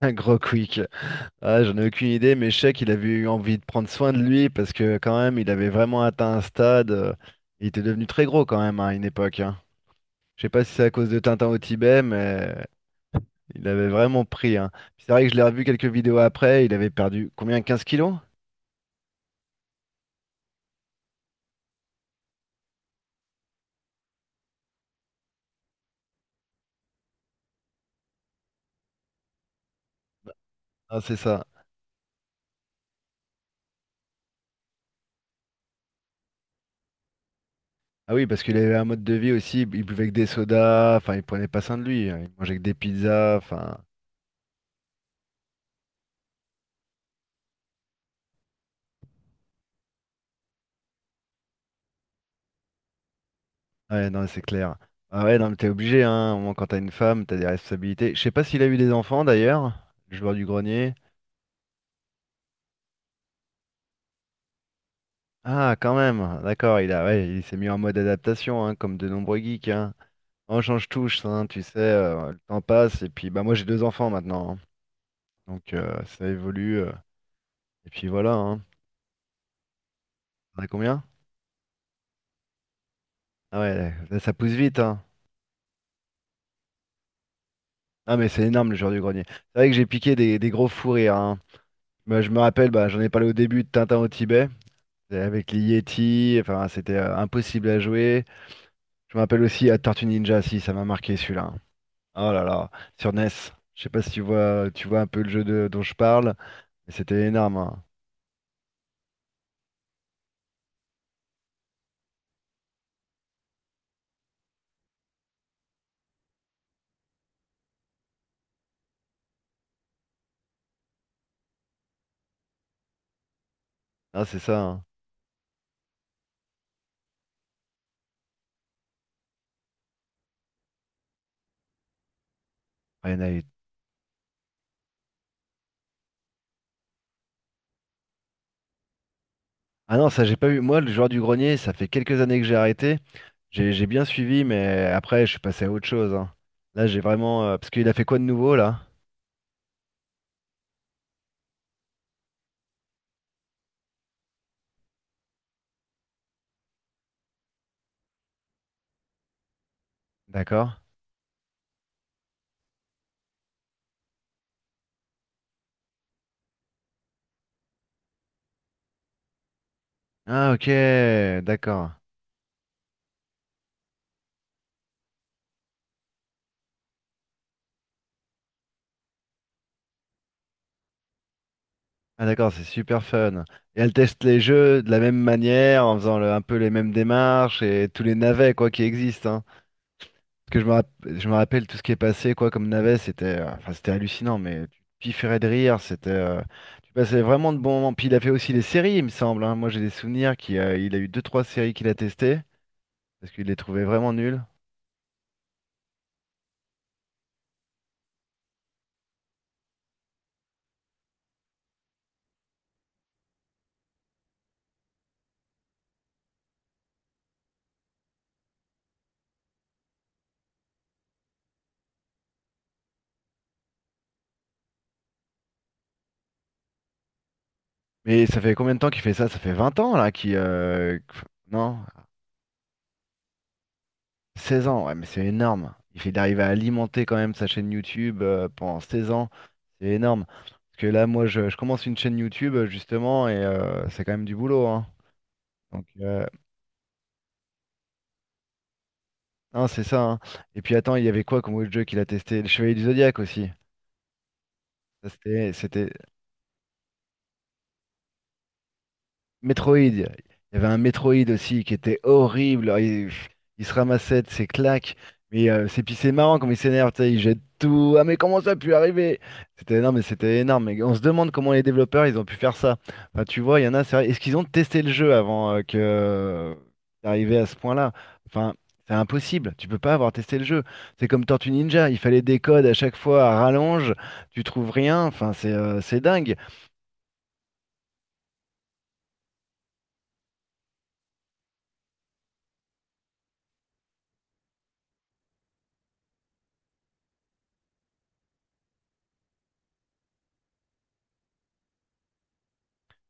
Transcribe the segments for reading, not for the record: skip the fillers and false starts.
Un gros quick. Ah, j'en ai aucune idée, mais je sais qu'il avait eu envie de prendre soin de lui parce que quand même, il avait vraiment atteint un stade, il était devenu très gros quand même, hein, à une époque, hein. Je sais pas si c'est à cause de Tintin au Tibet, mais il avait vraiment pris, hein. Puis c'est vrai que je l'ai revu quelques vidéos après. Il avait perdu combien? 15 kilos? Ah, c'est ça. Ah oui, parce qu'il avait un mode de vie aussi. Il buvait que des sodas. Enfin, il prenait pas soin de lui, hein, il mangeait que des pizzas. Enfin, ouais, non, c'est clair. Ah ouais, non, mais t'es obligé, hein. Au moins, quand t'as une femme, t'as des responsabilités. Je sais pas s'il a eu des enfants d'ailleurs, le joueur du grenier. Ah, quand même, d'accord, il a, ouais, il s'est mis en mode adaptation, hein, comme de nombreux geeks, hein. On change touche, hein, tu sais, le temps passe, et puis bah moi j'ai deux enfants maintenant, hein. Donc, ça évolue, et puis voilà, hein. T'en as combien? Ah ouais, là, ça pousse vite, hein. Ah mais c'est énorme le joueur du grenier. C'est vrai que j'ai piqué des gros fous rires, hein. Bah, je me rappelle, bah, j'en ai parlé au début de Tintin au Tibet. Et avec les Yeti, enfin, c'était impossible à jouer. Je me rappelle aussi à Tortue Ninja, si ça m'a marqué celui-là. Oh là là, sur NES. Je sais pas si tu vois, tu vois un peu le jeu dont je parle, mais c'était énorme, hein. Ah, c'est ça, hein. Ah, il y en a eu- ah non, ça j'ai pas eu. Moi, le joueur du grenier, ça fait quelques années que j'ai arrêté. J'ai bien suivi, mais après, je suis passé à autre chose, hein. Là, j'ai vraiment. Parce qu'il a fait quoi de nouveau là? D'accord. Ah ok, d'accord. Ah d'accord, c'est super fun. Et elle teste les jeux de la même manière, en faisant un peu les mêmes démarches et tous les navets quoi qui existent, hein. Parce que je me rappelle tout ce qui est passé quoi comme navet, c'était, enfin, c'était hallucinant, mais tu pifferais de rire, c'était, tu passais vraiment de bons moments. Puis il a fait aussi les séries, il me semble, hein. Moi j'ai des souvenirs qu'il a eu deux trois séries qu'il a testées parce qu'il les trouvait vraiment nulles. Mais ça fait combien de temps qu'il fait ça? Ça fait 20 ans là qui non? 16 ans, ouais, mais c'est énorme. Il fait d'arriver à alimenter quand même sa chaîne YouTube pendant 16 ans, c'est énorme. Parce que là, moi, je commence une chaîne YouTube justement et c'est quand même du boulot, hein. Donc, non, c'est ça, hein. Et puis attends, il y avait quoi comme autre jeu qu'il a testé? Le Chevalier du Zodiaque aussi. Ça, c'était, Metroid, il y avait un Metroid aussi qui était horrible. Alors, il se ramassait de ses claques. Mais c'est puis c'est marrant comme il s'énerve, tu sais, il jette tout. Ah mais comment ça a pu arriver? C'était non mais c'était énorme. Et on se demande comment les développeurs ils ont pu faire ça. Enfin, tu vois, il y en a, c'est vrai. Est-ce qu'ils ont testé le jeu avant que d'arriver à ce point-là? Enfin, c'est impossible. Tu peux pas avoir testé le jeu. C'est comme Tortue Ninja, il fallait des codes à chaque fois à rallonge. Tu trouves rien. Enfin, c'est dingue.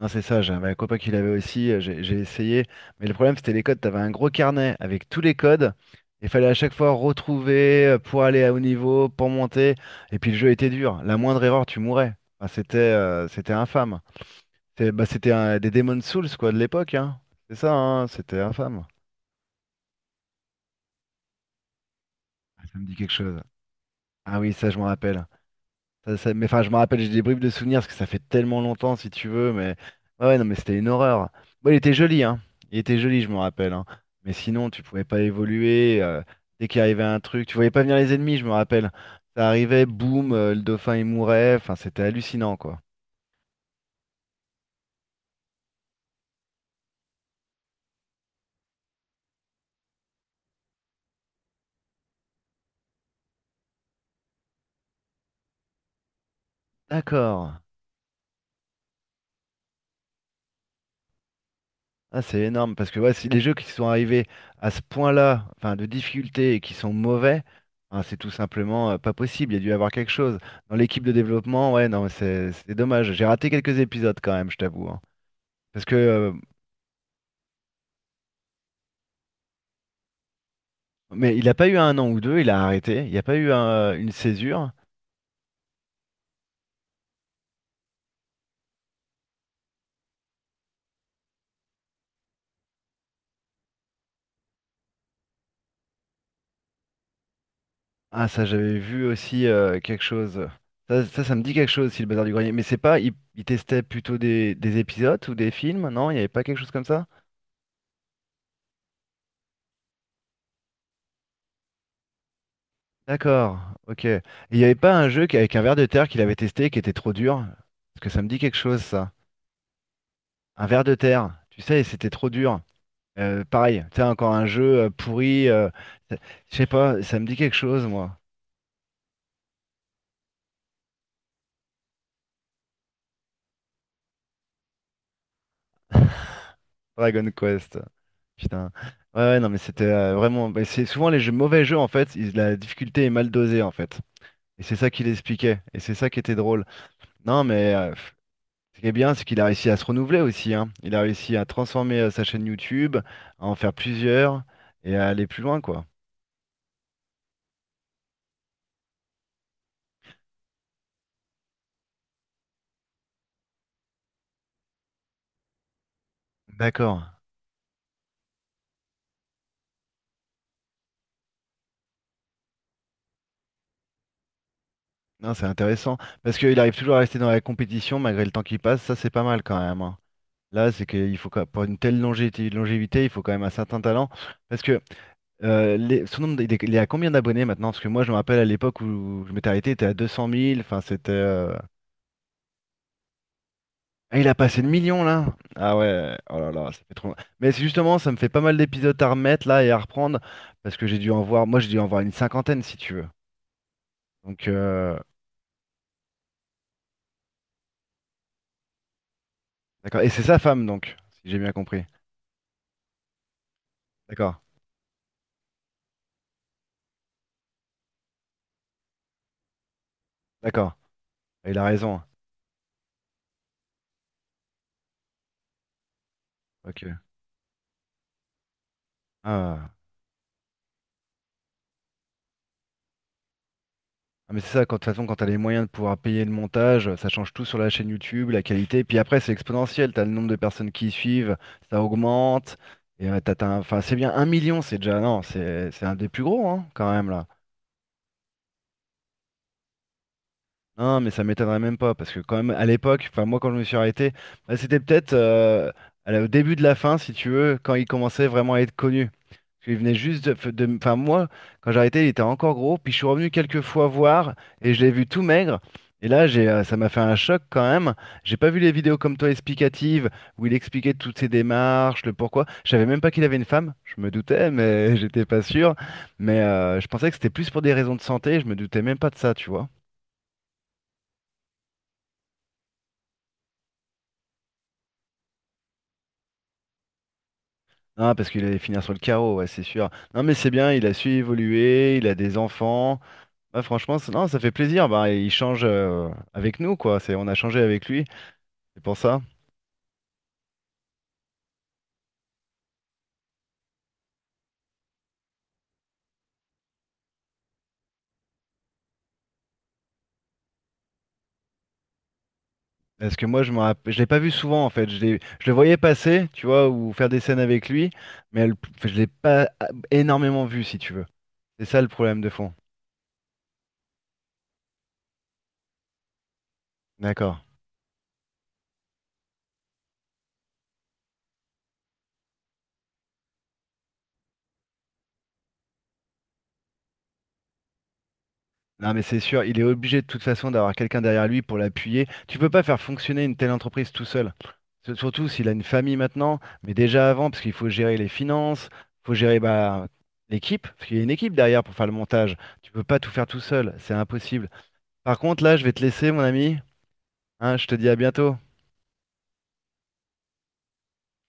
Non, c'est ça, j'avais un copain qui l'avait aussi, j'ai essayé. Mais le problème, c'était les codes. Tu avais un gros carnet avec tous les codes. Il fallait à chaque fois retrouver pour aller à haut niveau, pour monter. Et puis le jeu était dur. La moindre erreur, tu mourais. Enfin, c'était infâme. Bah, des Demon's Souls, quoi, de l'époque, hein. C'est ça, hein, c'était infâme. Ah, ça me dit quelque chose. Ah oui, ça, je m'en rappelle. Mais enfin, je me rappelle, j'ai des bribes de souvenirs parce que ça fait tellement longtemps, si tu veux. Mais ouais, ouais, non, mais c'était une horreur. Bon, il était joli, hein. Il était joli, je me rappelle, hein. Mais sinon, tu pouvais pas évoluer. Dès qu'il arrivait un truc, tu voyais pas venir les ennemis, je me rappelle. Ça arrivait, boum, le dauphin il mourait. Enfin, c'était hallucinant, quoi. D'accord. Ah, c'est énorme parce que ouais, si les jeux qui sont arrivés à ce point-là, enfin de difficulté et qui sont mauvais, hein, c'est tout simplement pas possible. Il y a dû y avoir quelque chose. Dans l'équipe de développement, ouais, non, mais c'est dommage. J'ai raté quelques épisodes quand même, je t'avoue, hein. Parce que, mais il n'a pas eu un an ou deux, il a arrêté. Il n'y a pas eu une césure. Ah, ça, j'avais vu aussi quelque chose. Ça me dit quelque chose, si le bazar du grenier. Mais c'est pas, il testait plutôt des, épisodes ou des films, non? Il n'y avait pas quelque chose comme ça? D'accord, ok. Et il n'y avait pas un jeu avec un ver de terre qu'il avait testé qui était trop dur? Parce que ça me dit quelque chose, ça. Un ver de terre, tu sais, c'était trop dur. Pareil, tu sais, encore un jeu pourri. Ça- je sais pas, ça me dit quelque chose, moi. Dragon Quest. Putain. Ouais, ouais, non, mais c'était vraiment. Bah, c'est souvent les jeux, mauvais jeux, en fait, la difficulté est mal dosée, en fait. Et c'est ça qu'il expliquait. Et c'est ça qui était drôle. Non, mais. Ce qui est bien, c'est qu'il a réussi à se renouveler aussi, hein. Il a réussi à transformer sa chaîne YouTube, à en faire plusieurs et à aller plus loin, quoi. D'accord. Non, c'est intéressant. Parce qu'il arrive toujours à rester dans la compétition malgré le temps qui passe. Ça, c'est pas mal quand même, hein. Là, c'est qu'il faut pour une telle longévité, longévité, il faut quand même un certain talent. Parce que son nombre, il est à combien d'abonnés maintenant? Parce que moi, je me rappelle à l'époque où je m'étais arrêté, il était à 200 000. Enfin, c'était. Ah, il a passé le million là? Ah ouais, oh là là, ça fait trop. Mais c'est justement, ça me fait pas mal d'épisodes à remettre là et à reprendre parce que j'ai dû en voir, moi j'ai dû en voir une cinquantaine si tu veux. Donc, d'accord. Et c'est sa femme donc, si j'ai bien compris. D'accord, d'accord. Ah, il a raison. Ok. Ah, ah, mais c'est ça, quand, de toute façon, quand t'as les moyens de pouvoir payer le montage, ça change tout sur la chaîne YouTube, la qualité. Puis après, c'est exponentiel. T'as le nombre de personnes qui y suivent, ça augmente. Et t'as enfin, c'est bien un million, c'est déjà, non, c'est un des plus gros hein, quand même là. Non, mais ça m'étonnerait même pas, parce que quand même, à l'époque, enfin moi quand je me suis arrêté, bah, c'était peut-être au début de la fin, si tu veux, quand il commençait vraiment à être connu. Parce qu'il venait juste. Enfin moi, quand j'ai arrêté, il était encore gros, puis je suis revenu quelques fois voir, et je l'ai vu tout maigre. Et là, ça m'a fait un choc quand même. J'ai pas vu les vidéos comme toi explicatives, où il expliquait toutes ses démarches, le pourquoi. Je savais même pas qu'il avait une femme, je me doutais, mais j'étais pas sûr. Mais je pensais que c'était plus pour des raisons de santé, je me doutais même pas de ça, tu vois. Ah, parce qu'il allait finir sur le carreau, ouais, c'est sûr. Non, mais c'est bien, il a su évoluer, il a des enfants. Ouais, franchement, non, ça fait plaisir. Bah, il change avec nous, quoi. C'est, on a changé avec lui, c'est pour ça. Parce que moi, je l'ai pas vu souvent, en fait. Je le voyais passer, tu vois, ou faire des scènes avec lui, mais elle- je l'ai pas ah, énormément vu, si tu veux. C'est ça le problème de fond. D'accord. Non, mais c'est sûr, il est obligé de toute façon d'avoir quelqu'un derrière lui pour l'appuyer. Tu peux pas faire fonctionner une telle entreprise tout seul. Surtout s'il a une famille maintenant, mais déjà avant, parce qu'il faut gérer les finances, faut gérer bah, l'équipe, parce qu'il y a une équipe derrière pour faire le montage. Tu peux pas tout faire tout seul, c'est impossible. Par contre, là, je vais te laisser, mon ami. Hein, je te dis à bientôt.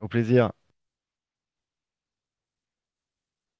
Au plaisir.